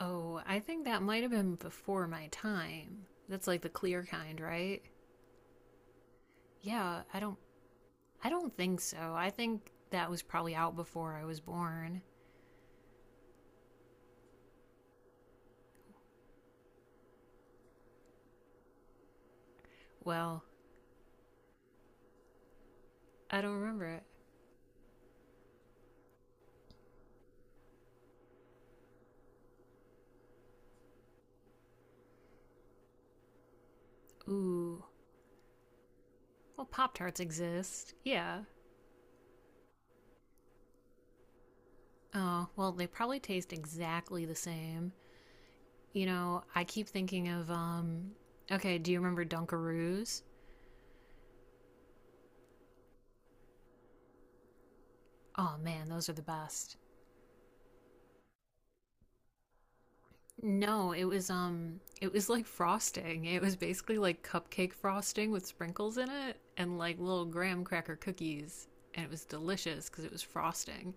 Oh, I think that might have been before my time. That's like the clear kind, right? Yeah, I don't think so. I think that was probably out before I was born. Well, I don't remember it. Ooh. Well, Pop Tarts exist. Yeah. Oh, well, they probably taste exactly the same. You know, I keep thinking of okay, do you remember Dunkaroos? Oh man, those are the best. No, it was like frosting. It was basically like cupcake frosting with sprinkles in it and like little graham cracker cookies, and it was delicious cuz it was frosting.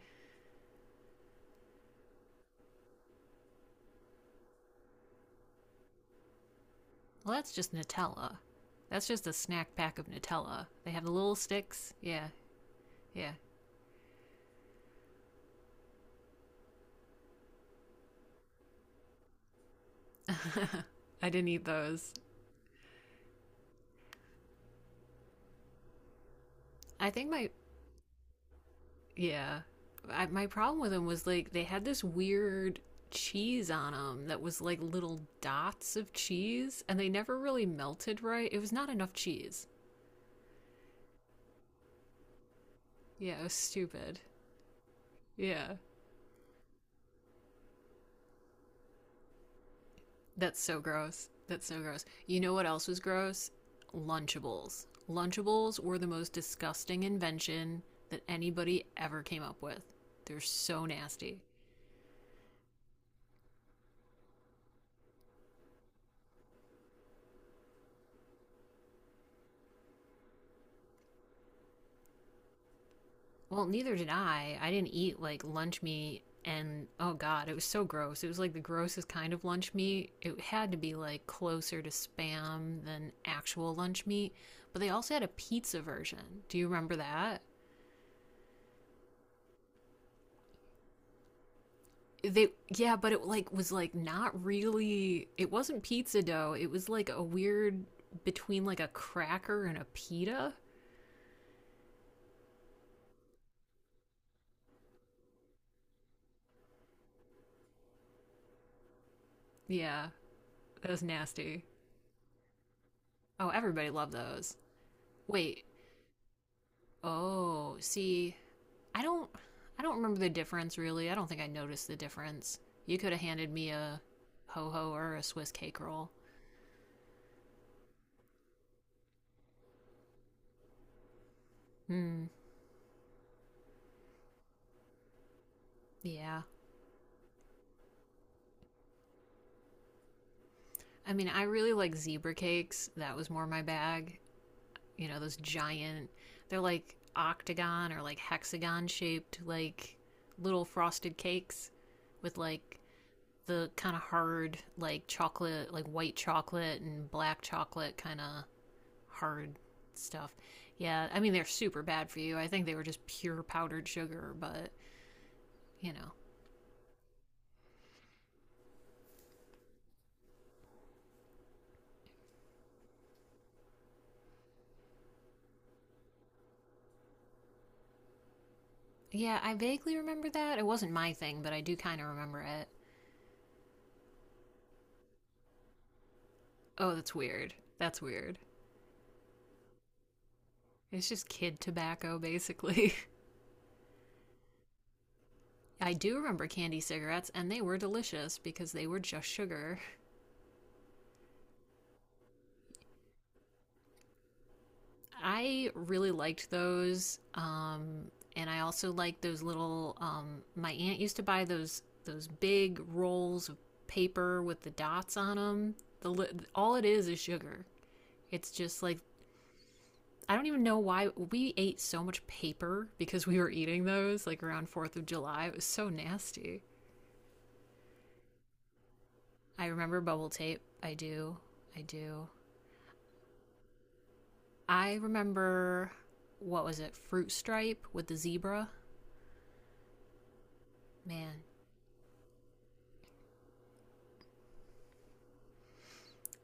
Well, that's just Nutella. That's just a snack pack of Nutella. They have the little sticks. Yeah. Yeah. I didn't eat those. I think my Yeah. My problem with them was like they had this weird cheese on them that was like little dots of cheese and they never really melted right. It was not enough cheese. Yeah, it was stupid. Yeah. That's so gross. That's so gross. You know what else was gross? Lunchables. Lunchables were the most disgusting invention that anybody ever came up with. They're so nasty. Well, neither did I. I didn't eat like lunch meat and oh god, it was so gross. It was like the grossest kind of lunch meat. It had to be like closer to spam than actual lunch meat, but they also had a pizza version. Do you remember that? They yeah, but it like was like not really it wasn't pizza dough. It was like a weird between like a cracker and a pita. Yeah, that was nasty. Oh, everybody loved those. Wait. Oh, see, I don't I don't remember the difference really. I don't think I noticed the difference. You could have handed me a ho ho or a Swiss cake roll. Hmm. Yeah. I mean, I really like zebra cakes. That was more my bag. You know, those giant. They're like octagon or like hexagon shaped like little frosted cakes with like the kind of hard like chocolate like white chocolate and black chocolate kind of hard stuff. Yeah, I mean they're super bad for you. I think they were just pure powdered sugar, but you know. Yeah, I vaguely remember that. It wasn't my thing, but I do kind of remember it. Oh, that's weird. That's weird. It's just kid tobacco basically. I do remember candy cigarettes and they were delicious because they were just sugar. I really liked those. And I also liked those little. My aunt used to buy those big rolls of paper with the dots on them. The all it is sugar. It's just like I don't even know why we ate so much paper because we were eating those like around 4th of July. It was so nasty. I remember bubble tape. I do. I do. I remember what was it? Fruit stripe with the zebra. Man,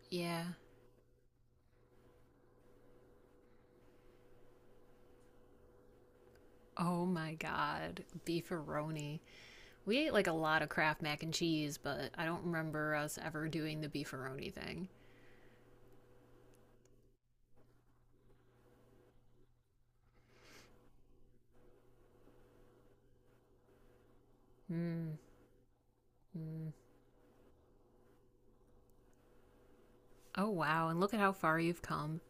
yeah. Oh my god, beefaroni. We ate like a lot of Kraft mac and cheese, but I don't remember us ever doing the beefaroni thing. Mm, mm. Oh wow, and look at how far you've come.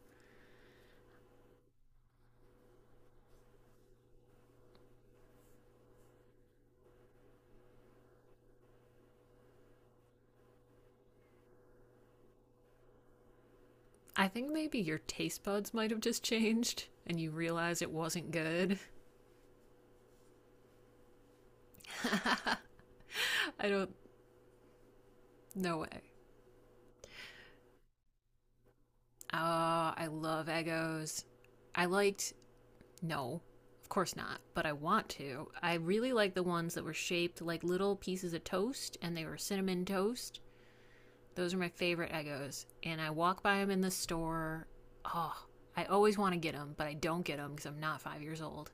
I think maybe your taste buds might have just changed and you realize it wasn't good. I don't no way. Ah, I love Eggo's. I liked no, of course not, but I want to. I really like the ones that were shaped like little pieces of toast and they were cinnamon toast. Those are my favorite Eggos. And I walk by them in the store. Oh, I always want to get them, but I don't get them because I'm not 5 years old.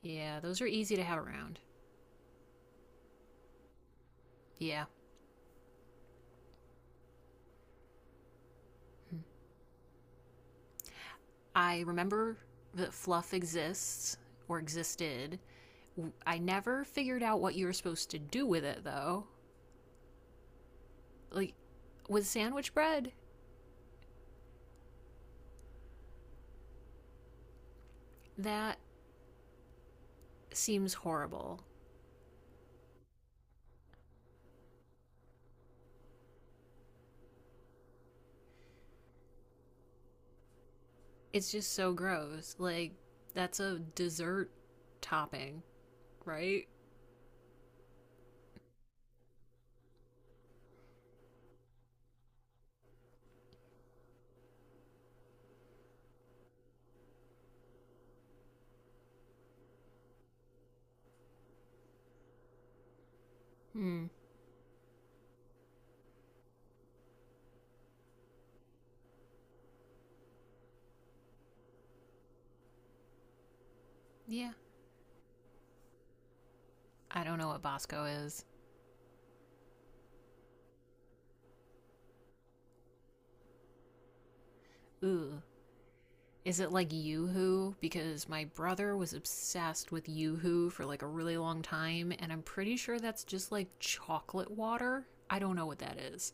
Yeah, those are easy to have around. Yeah. I remember that fluff exists or existed. I never figured out what you were supposed to do with it, though. Like, with sandwich bread, that seems horrible. It's just so gross. Like, that's a dessert topping, right? Hmm. Yeah, I don't know what Bosco is. Ooh. Is it like Yoo-Hoo? Because my brother was obsessed with Yoo-Hoo for like a really long time, and I'm pretty sure that's just like chocolate water. I don't know what that is.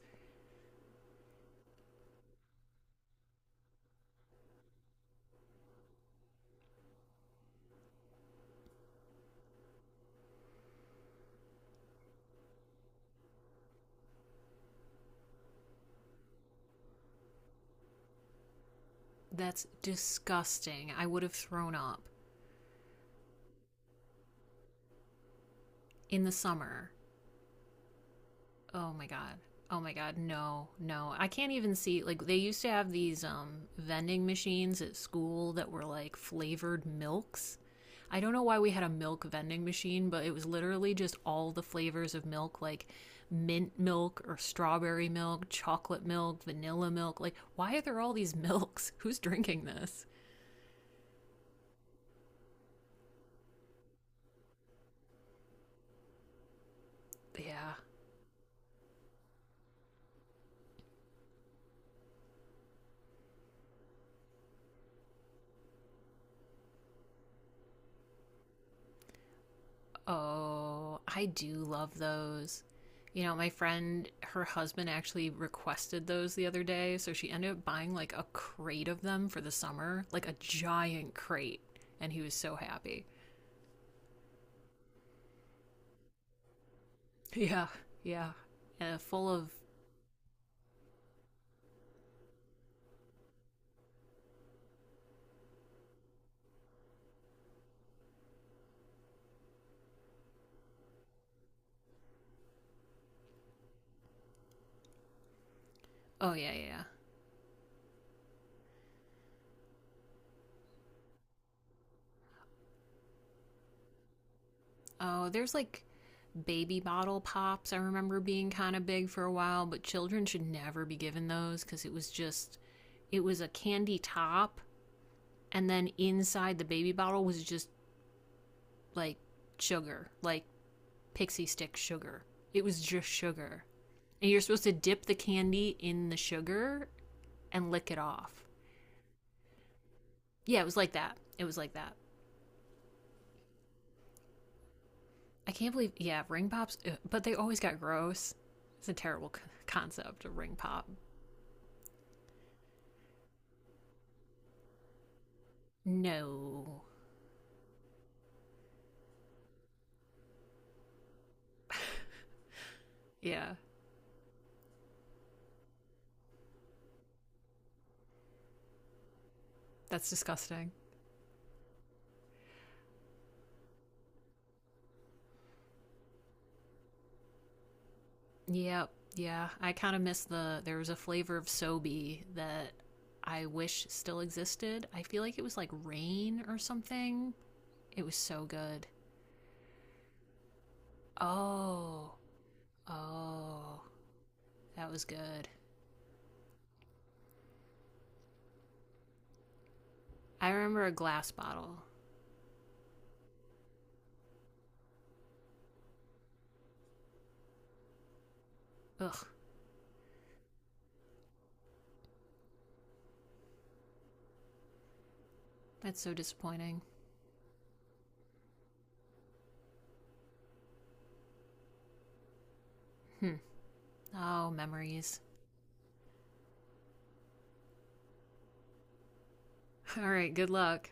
That's disgusting. I would have thrown up in the summer. Oh my god. Oh my god. No. No. I can't even see like they used to have these vending machines at school that were like flavored milks. I don't know why we had a milk vending machine, but it was literally just all the flavors of milk like mint milk or strawberry milk, chocolate milk, vanilla milk. Like why are there all these milks? Who's drinking this? Yeah. Oh, I do love those. You know, my friend, her husband actually requested those the other day. So she ended up buying like a crate of them for the summer, like a giant crate. And he was so happy. Yeah, yeah. Full of, oh, yeah, yeah, yeah. Oh, there's like baby bottle pops. I remember being kind of big for a while, but children should never be given those because it was just, it was a candy top. And then inside the baby bottle was just like sugar, like pixie stick sugar. It was just sugar. And you're supposed to dip the candy in the sugar and lick it off. Yeah, it was like that. It was like that. I can't believe, yeah, ring pops, but they always got gross. It's a terrible concept of ring pop. No. Yeah, that's disgusting. Yep. Yeah, I kind of miss the. There was a flavor of Sobe that I wish still existed. I feel like it was like rain or something. It was so good. Oh, oh, that was good. I remember a glass bottle. Ugh, that's so disappointing. Hmm. Oh, memories. All right, good luck.